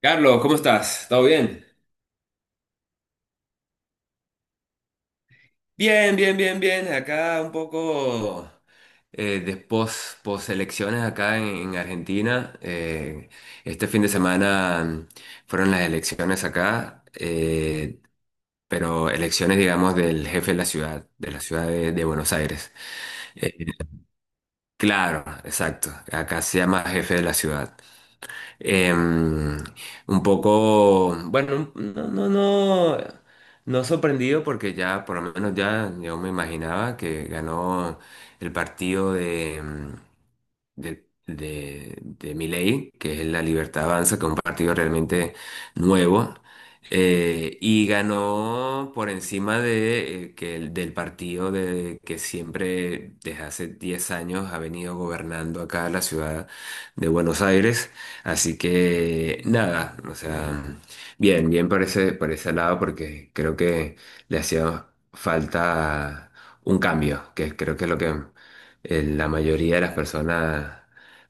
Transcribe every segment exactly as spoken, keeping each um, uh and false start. Carlos, ¿cómo estás? ¿Todo bien? Bien, bien, bien, bien. Acá un poco eh, de pos, elecciones acá en, en Argentina. Eh, este fin de semana mm, fueron las elecciones acá, eh, pero elecciones, digamos, del jefe de la ciudad, de la ciudad de, de Buenos Aires. Eh, claro, exacto. Acá se llama jefe de la ciudad. Eh, un poco, bueno, no, no, no, no sorprendido porque ya, por lo menos ya, yo me imaginaba que ganó el partido de... em, de, de, de Milei, que es la Libertad Avanza, que es un partido realmente nuevo, eh, y ganó por encima de, eh, que el- del partido de, que siempre desde hace diez años ha venido gobernando acá la ciudad de Buenos Aires. Así que nada, o sea, bien, bien por ese, por ese lado, porque creo que le hacía falta un cambio, que creo que es lo que eh, la mayoría de las personas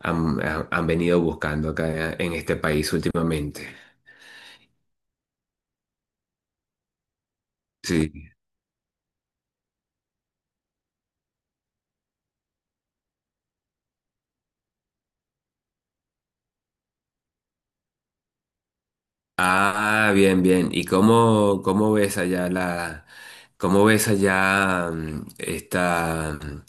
han, han- han venido buscando acá en este país últimamente. Sí. Ah, bien, bien. ¿Y cómo, cómo ves allá la, cómo ves allá mm, esta, mm,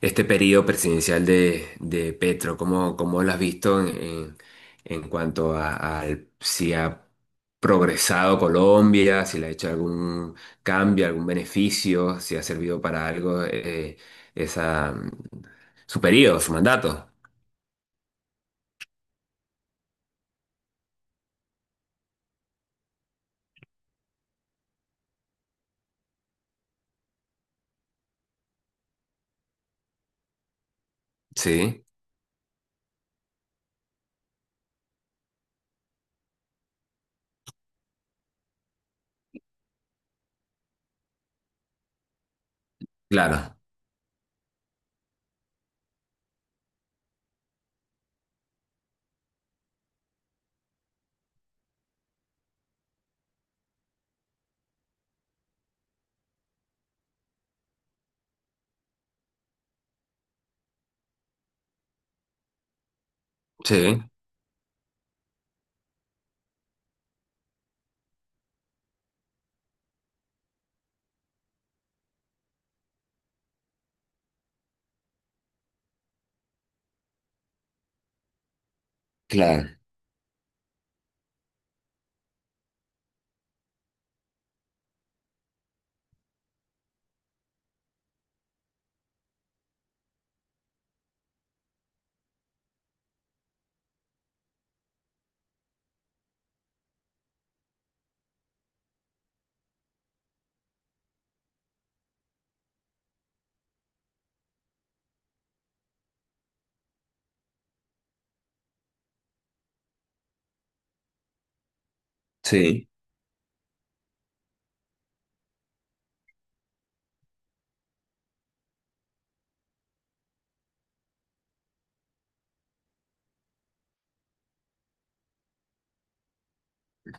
este periodo presidencial de, de Petro? ¿Cómo, cómo lo has visto en, en- en cuanto a, al- si ha progresado Colombia, si le ha hecho algún cambio, algún beneficio, si ha servido para algo eh, esa, mm, su periodo, su mandato? Sí, claro. Sí, claro. Sí.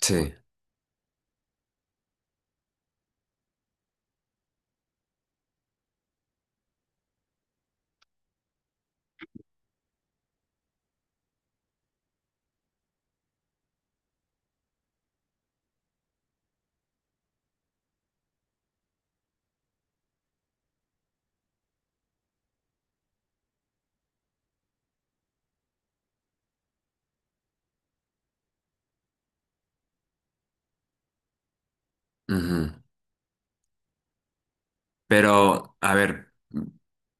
Sí. Ujú. Pero, a ver,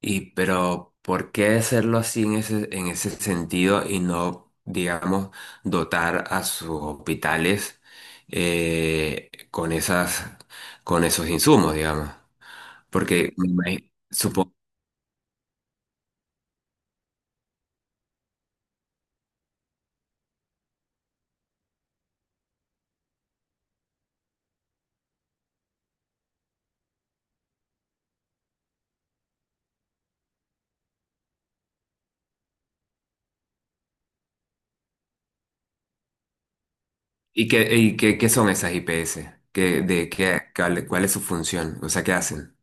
y pero ¿por qué hacerlo así en ese, en ese sentido y no, digamos, dotar a sus hospitales eh, con esas, con esos insumos, digamos? Porque me imagi- supo- ¿y qué, y qué, qué son esas I P S? ¿Qué, de qué, cuál, cuál es su función? O sea, ¿qué hacen?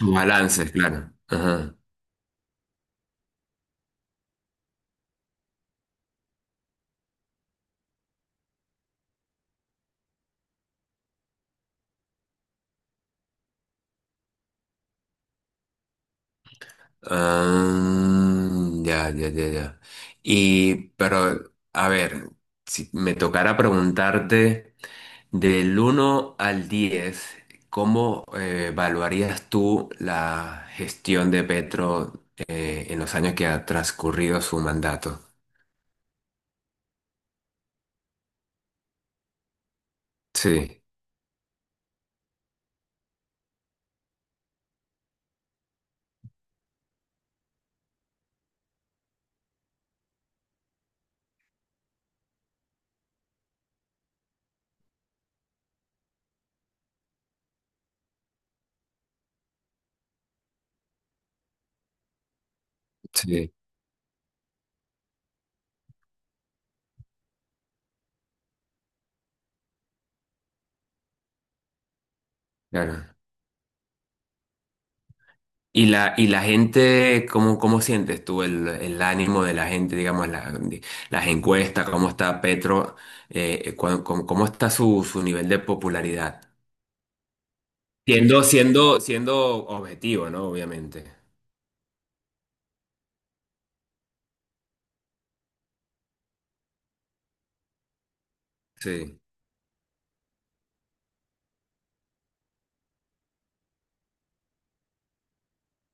Sus balances, claro. Ajá. Ah, ya, ya, ya, ya. Y, pero, a ver, si me tocara preguntarte del uno al diez, ¿cómo eh, evaluarías tú la gestión de Petro eh, en los años que ha transcurrido su mandato? Sí, sí, claro. Y la, y la gente, ¿cómo, cómo sientes tú el, el ánimo de la gente, digamos, la- las encuestas, cómo está Petro, eh, cu- cómo, cómo está su, su nivel de popularidad? Siendo, siendo, siendo objetivo, ¿no? Obviamente. Sí,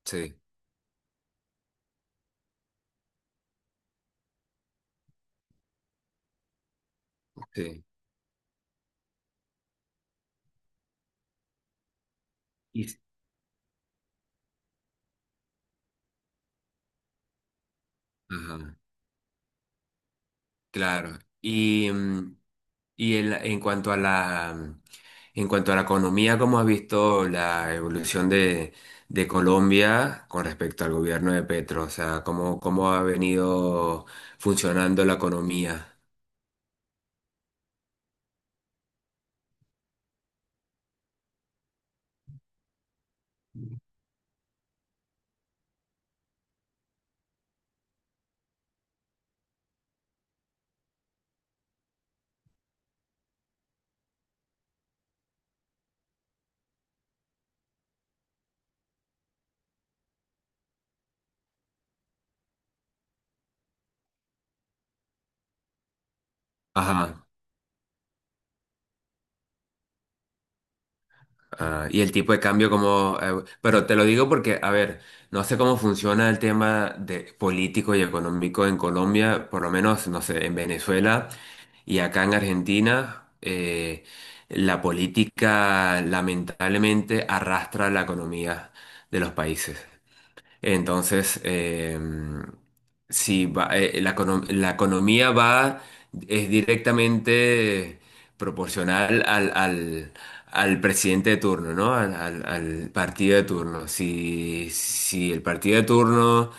sí, sí. Y- Ajá, claro. Y, mm, Y el- en cuanto a la, mm, en cuanto a la economía, ¿cómo has visto la evolución de, de Colombia con respecto al gobierno de Petro? O sea, ¿cómo, cómo ha venido funcionando la economía? Ajá. Ah, y el tipo de cambio como... eh, pero te lo digo porque, a ver, no sé cómo funciona el tema de político y económico en Colombia, por lo menos, no sé, en Venezuela y acá en Argentina, eh, la política lamentablemente arrastra la economía de los países. Entonces, eh, sí, va- eh, la, econo- la economía va, es directamente proporcional al, al, al presidente de turno, ¿no? Al, al- al partido de turno. Si, si el partido de turno,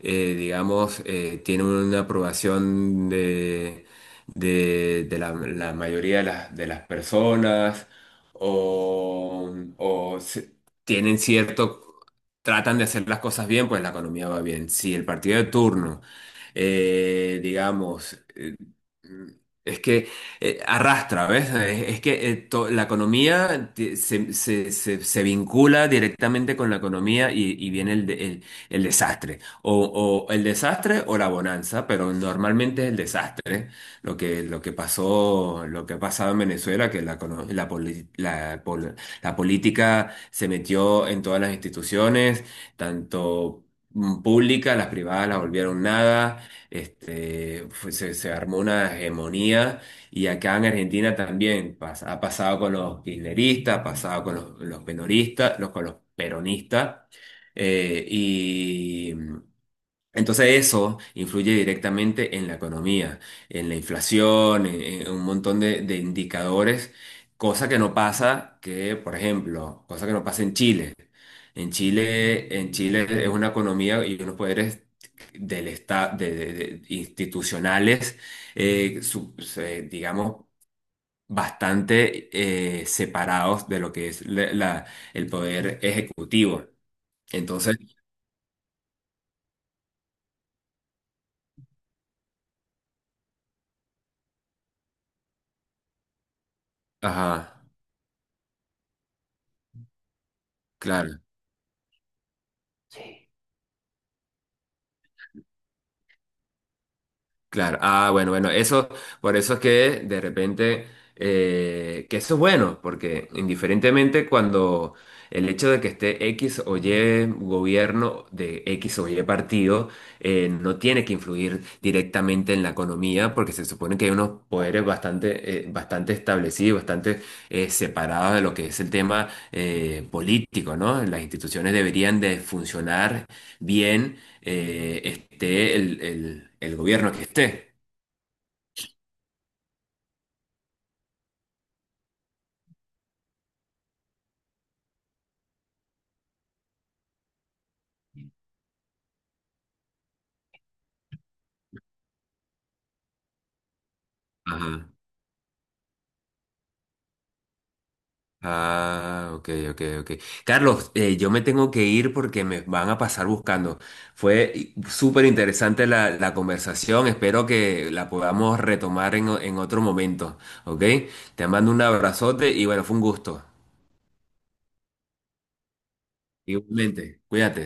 eh, digamos, eh, tiene una aprobación de, de, de la, la mayoría de las, de las personas o, o se- tienen cierto tratan de hacer las cosas bien, pues la economía va bien. Si el partido de turno, eh, digamos, eh, es que eh, arrastra, ¿ves? Es, es que eh, to- la economía ti- se, se- se- se vincula directamente con la economía y, y viene el, de- el- el desastre. O, o el desastre o la bonanza, pero normalmente es el desastre. ¿Eh? Lo que, lo que pasó, lo que ha pasado en Venezuela, que la, econo- la, poli- la, la política se metió en todas las instituciones, tanto mm, públicas, las privadas las volvieron nada, este, fue- se, se armó una hegemonía y acá en Argentina también pas- ha pasado con los kirchneristas, ha pasado con los, los penoristas, los, con los peronistas. eh, entonces eso influye directamente en la economía, en la inflación, en, en un montón de, de indicadores, cosa que no pasa que, por ejemplo, cosa que no pasa en Chile. En Chile, en Chile es una economía y unos poderes del esta- de, de- de- institucionales, eh, su- se- digamos, bastante eh, separados de lo que es la- la- el poder ejecutivo. Entonces, ajá, claro. Claro, ah, bueno, bueno, eso, por eso es que de repente, eh, que eso es bueno, porque indiferentemente cuando el hecho de que esté X o Y gobierno de X o Y partido, eh, no tiene que influir directamente en la economía, porque se supone que hay unos poderes bastante, eh, bastante establecidos, bastante eh, separados de lo que es el tema eh, político, ¿no? Las instituciones deberían de funcionar bien eh, esté el, el- el gobierno que esté. Ajá. Ah, ok, ok, ok. Carlos, eh, yo me tengo que ir porque me van a pasar buscando. Fue súper interesante la, la conversación. Espero que la podamos retomar en, o- en otro momento. ¿Ok? Te mando un abrazote y bueno, fue un gusto. Igualmente, cuídate.